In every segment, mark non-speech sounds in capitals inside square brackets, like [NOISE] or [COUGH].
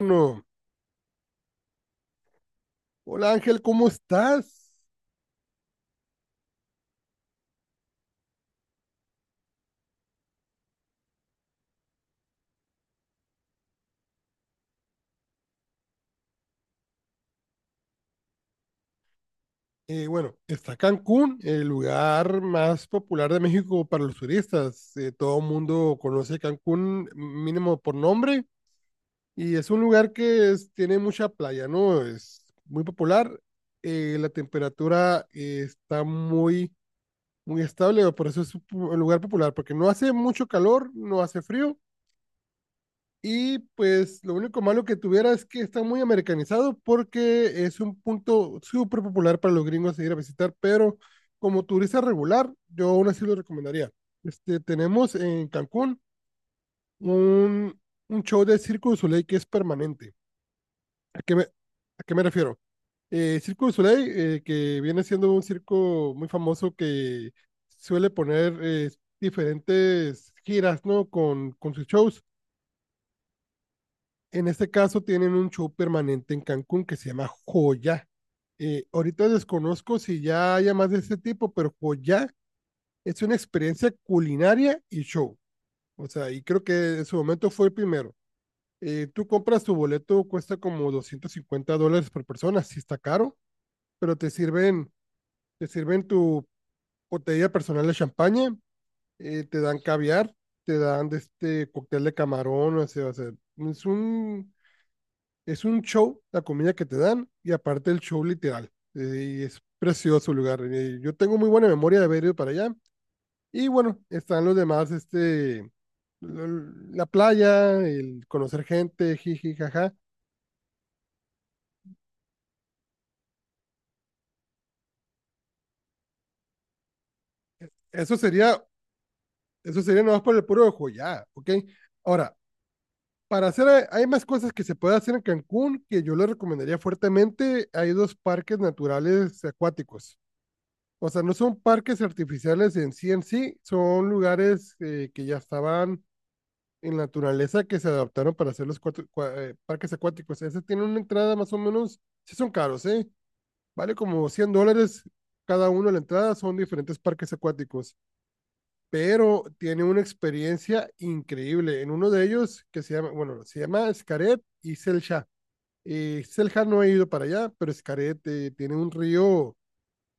No. Hola Ángel, ¿cómo estás? Bueno, está Cancún, el lugar más popular de México para los turistas. Todo el mundo conoce Cancún mínimo por nombre y es un lugar que tiene mucha playa, ¿no? Es muy popular. La temperatura está muy, muy estable, por eso es un lugar popular, porque no hace mucho calor, no hace frío. Y pues lo único malo que tuviera es que está muy americanizado porque es un punto súper popular para los gringos ir a visitar, pero como turista regular, yo aún así lo recomendaría. Tenemos en Cancún un, un show de Circo du Soleil que es permanente. ¿A qué me refiero? Circo du Soleil, que viene siendo un circo muy famoso que suele poner diferentes giras, ¿no? Con sus shows. En este caso tienen un show permanente en Cancún que se llama Joya. Ahorita desconozco si ya haya más de este tipo, pero Joya es una experiencia culinaria y show. O sea, y creo que en su momento fue el primero. Tú compras tu boleto, cuesta como $250 por persona, sí está caro, pero te sirven tu botella personal de champaña, te dan caviar, te dan este cóctel de camarón, o sea, es un Es un show, la comida que te dan, y aparte el show literal. Y es precioso el lugar. Yo tengo muy buena memoria de haber ido para allá. Y bueno, están los demás, la playa, el conocer gente, jiji, jaja. Eso sería, eso sería nomás por el puro ojo ya, ¿ok? Ahora, para hacer, hay más cosas que se puede hacer en Cancún que yo le recomendaría fuertemente. Hay dos parques naturales acuáticos. O sea, no son parques artificiales en sí, son lugares que ya estaban en la naturaleza que se adaptaron para hacer los parques acuáticos. Ese tiene una entrada más o menos, sí son caros, ¿eh? Vale como $100 cada uno la entrada, son diferentes parques acuáticos, pero tiene una experiencia increíble. En uno de ellos, que se llama Xcaret y Celja. Celja no he ido para allá, pero Xcaret tiene un río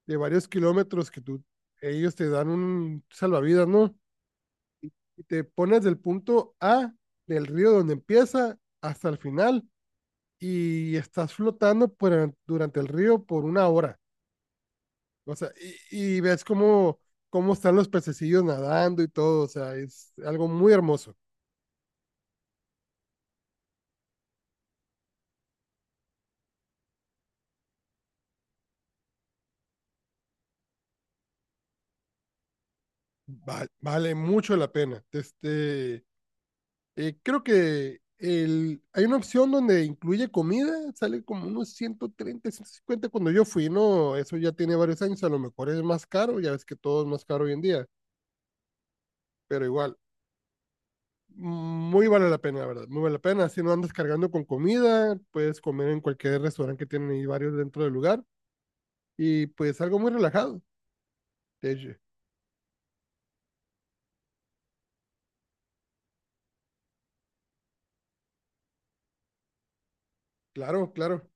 de varios kilómetros ellos te dan un salvavidas, ¿no? Y te pones del punto A del río donde empieza hasta el final y estás flotando durante el río por una hora. O sea, y ves cómo están los pececillos nadando y todo. O sea, es algo muy hermoso. Vale mucho la pena. Creo que hay una opción donde incluye comida, sale como unos 130 150 cuando yo fui, ¿no? Eso ya tiene varios años, a lo mejor es más caro, ya ves que todo es más caro hoy en día, pero igual, muy vale la pena, la verdad, muy vale la pena, si no andas cargando con comida, puedes comer en cualquier restaurante que tienen ahí varios dentro del lugar y pues algo muy relajado, de hecho. Claro, claro.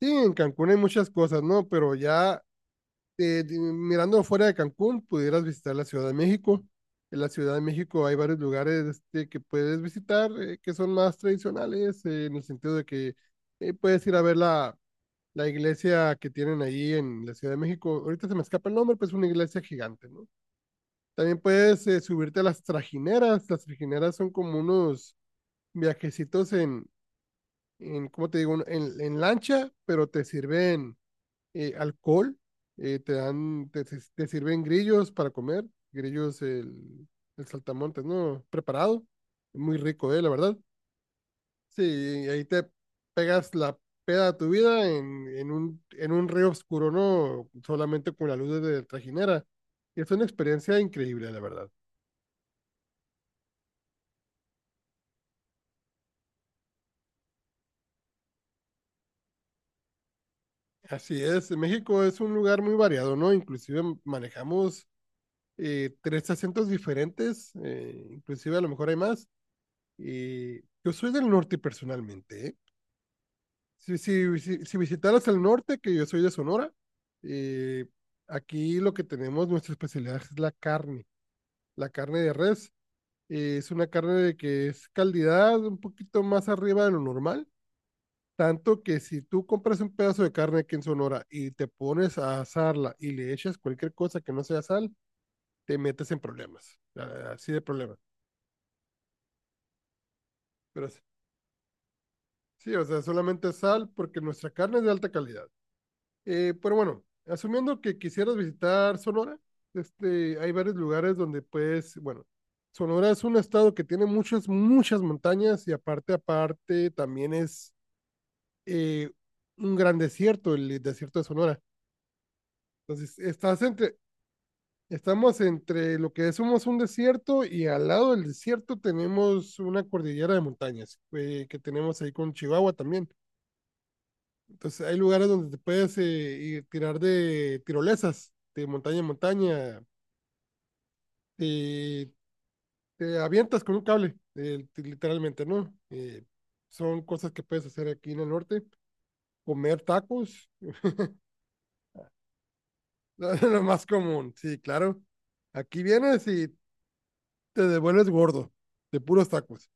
Sí, en Cancún hay muchas cosas, ¿no? Pero ya mirando fuera de Cancún, pudieras visitar la Ciudad de México. En la Ciudad de México hay varios lugares que puedes visitar que son más tradicionales, en el sentido de que puedes ir a ver la iglesia que tienen ahí en la Ciudad de México. Ahorita se me escapa el nombre, pero es una iglesia gigante, ¿no? También puedes subirte a las trajineras. Las trajineras son como unos viajecitos en ¿cómo te digo? En lancha, pero te sirven alcohol, te dan, te, si, te- sirven grillos para comer, grillos el saltamontes, ¿no? Preparado, muy rico, la verdad. Sí, ahí te pegas la peda de tu vida en un río oscuro, ¿no? Solamente con la luz de la trajinera. Y es una experiencia increíble, la verdad. Así es, México es un lugar muy variado, ¿no? Inclusive manejamos tres acentos diferentes, inclusive a lo mejor hay más. Yo soy del norte personalmente. ¿Eh? Si visitaras el norte, que yo soy de Sonora, eh, aquí lo que tenemos, nuestra especialidad es la carne de res. Es una carne de que es calidad un poquito más arriba de lo normal. Tanto que si tú compras un pedazo de carne aquí en Sonora y te pones a asarla y le echas cualquier cosa que no sea sal, te metes en problemas. Así de problemas. Pero sí, sí, o sea, solamente sal porque nuestra carne es de alta calidad. Pero bueno, asumiendo que quisieras visitar Sonora, hay varios lugares bueno, Sonora es un estado que tiene muchas, muchas montañas y aparte, aparte, también es eh, un gran desierto, el desierto de Sonora. Entonces, estás entre, estamos entre lo que somos un desierto y al lado del desierto tenemos una cordillera de montañas que tenemos ahí con Chihuahua también. Entonces hay lugares donde te puedes ir tirar de tirolesas, de montaña en montaña, y te avientas con un cable, literalmente, ¿no? Son cosas que puedes hacer aquí en el norte. Comer tacos, [LAUGHS] lo más común, sí, claro. Aquí vienes y te devuelves gordo, de puros tacos.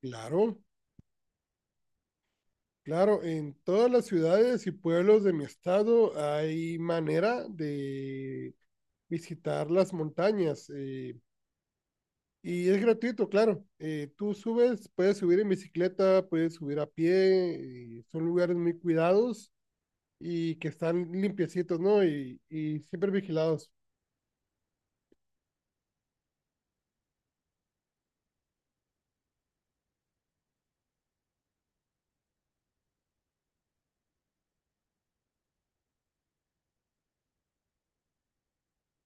Claro, claro, en todas las ciudades y pueblos de mi estado hay manera de visitar las montañas. Y es gratuito, claro. Tú subes, puedes subir en bicicleta, puedes subir a pie, y son lugares muy cuidados y que están limpiecitos, ¿no? Y siempre vigilados.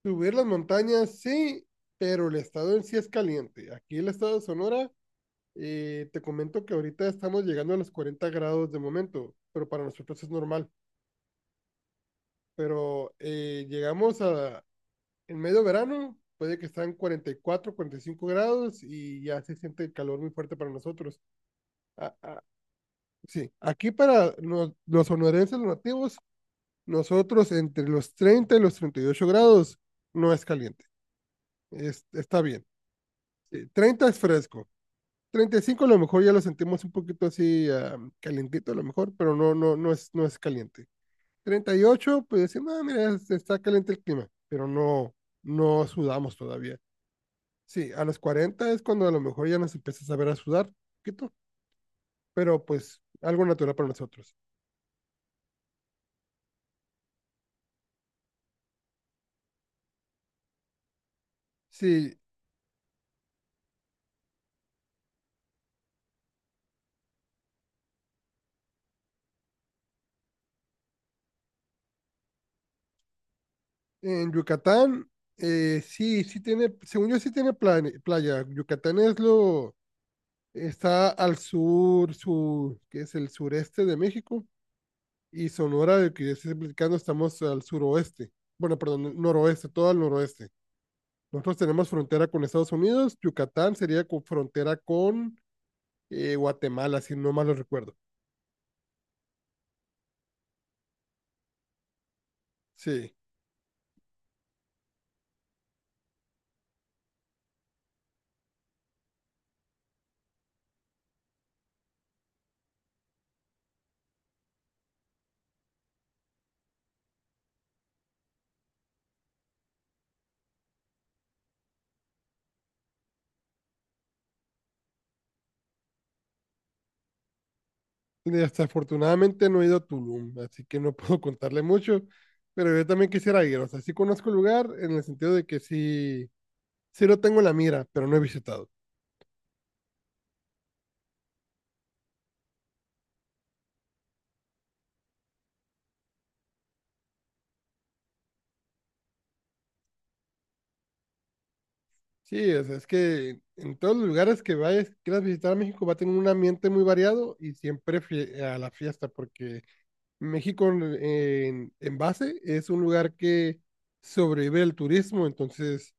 Subir las montañas, sí, pero el estado en sí es caliente. Aquí el estado de Sonora, te comento que ahorita estamos llegando a los 40 grados de momento, pero para nosotros es normal. Pero eh, llegamos a, En medio verano puede que están 44, 45 grados y ya se siente el calor muy fuerte para nosotros. Ah, ah, sí, aquí para los sonorenses, los nativos, nosotros entre los 30 y los 38 grados no es caliente. Está bien. Sí, 30 es fresco. Treinta y cinco a lo mejor ya lo sentimos un poquito así ah, calientito a lo mejor, pero no, no, no es, no es caliente. 38 pues decimos, ah, mira, está caliente el clima, pero no, no sudamos todavía. Sí, a los 40 es cuando a lo mejor ya nos empiezas a ver a sudar un poquito, pero pues algo natural para nosotros. Sí, en Yucatán, según yo sí tiene playa. Yucatán está al sur, sur, que es el sureste de México, y Sonora, de que yo estoy explicando, estamos al suroeste, bueno, perdón, noroeste, todo al noroeste. Nosotros tenemos frontera con Estados Unidos, Yucatán sería con frontera con Guatemala, si no mal lo recuerdo. Sí. Desafortunadamente no he ido a Tulum, así que no [LAUGHS] puedo contarle mucho, pero yo también quisiera ir. O sea, sí conozco el lugar en el sentido de que sí, sí lo tengo en la mira, pero no he visitado. Sí, o sea, es que en todos los lugares que vayas, quieras visitar a México, va a tener un ambiente muy variado y siempre a la fiesta, porque México en base es un lugar que sobrevive el turismo, entonces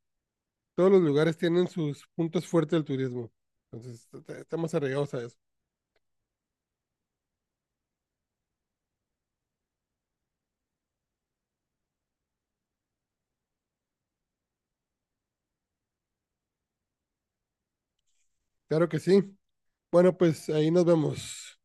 todos los lugares tienen sus puntos fuertes del turismo. Entonces, estamos arraigados a eso. Claro que sí. Bueno, pues ahí nos vemos.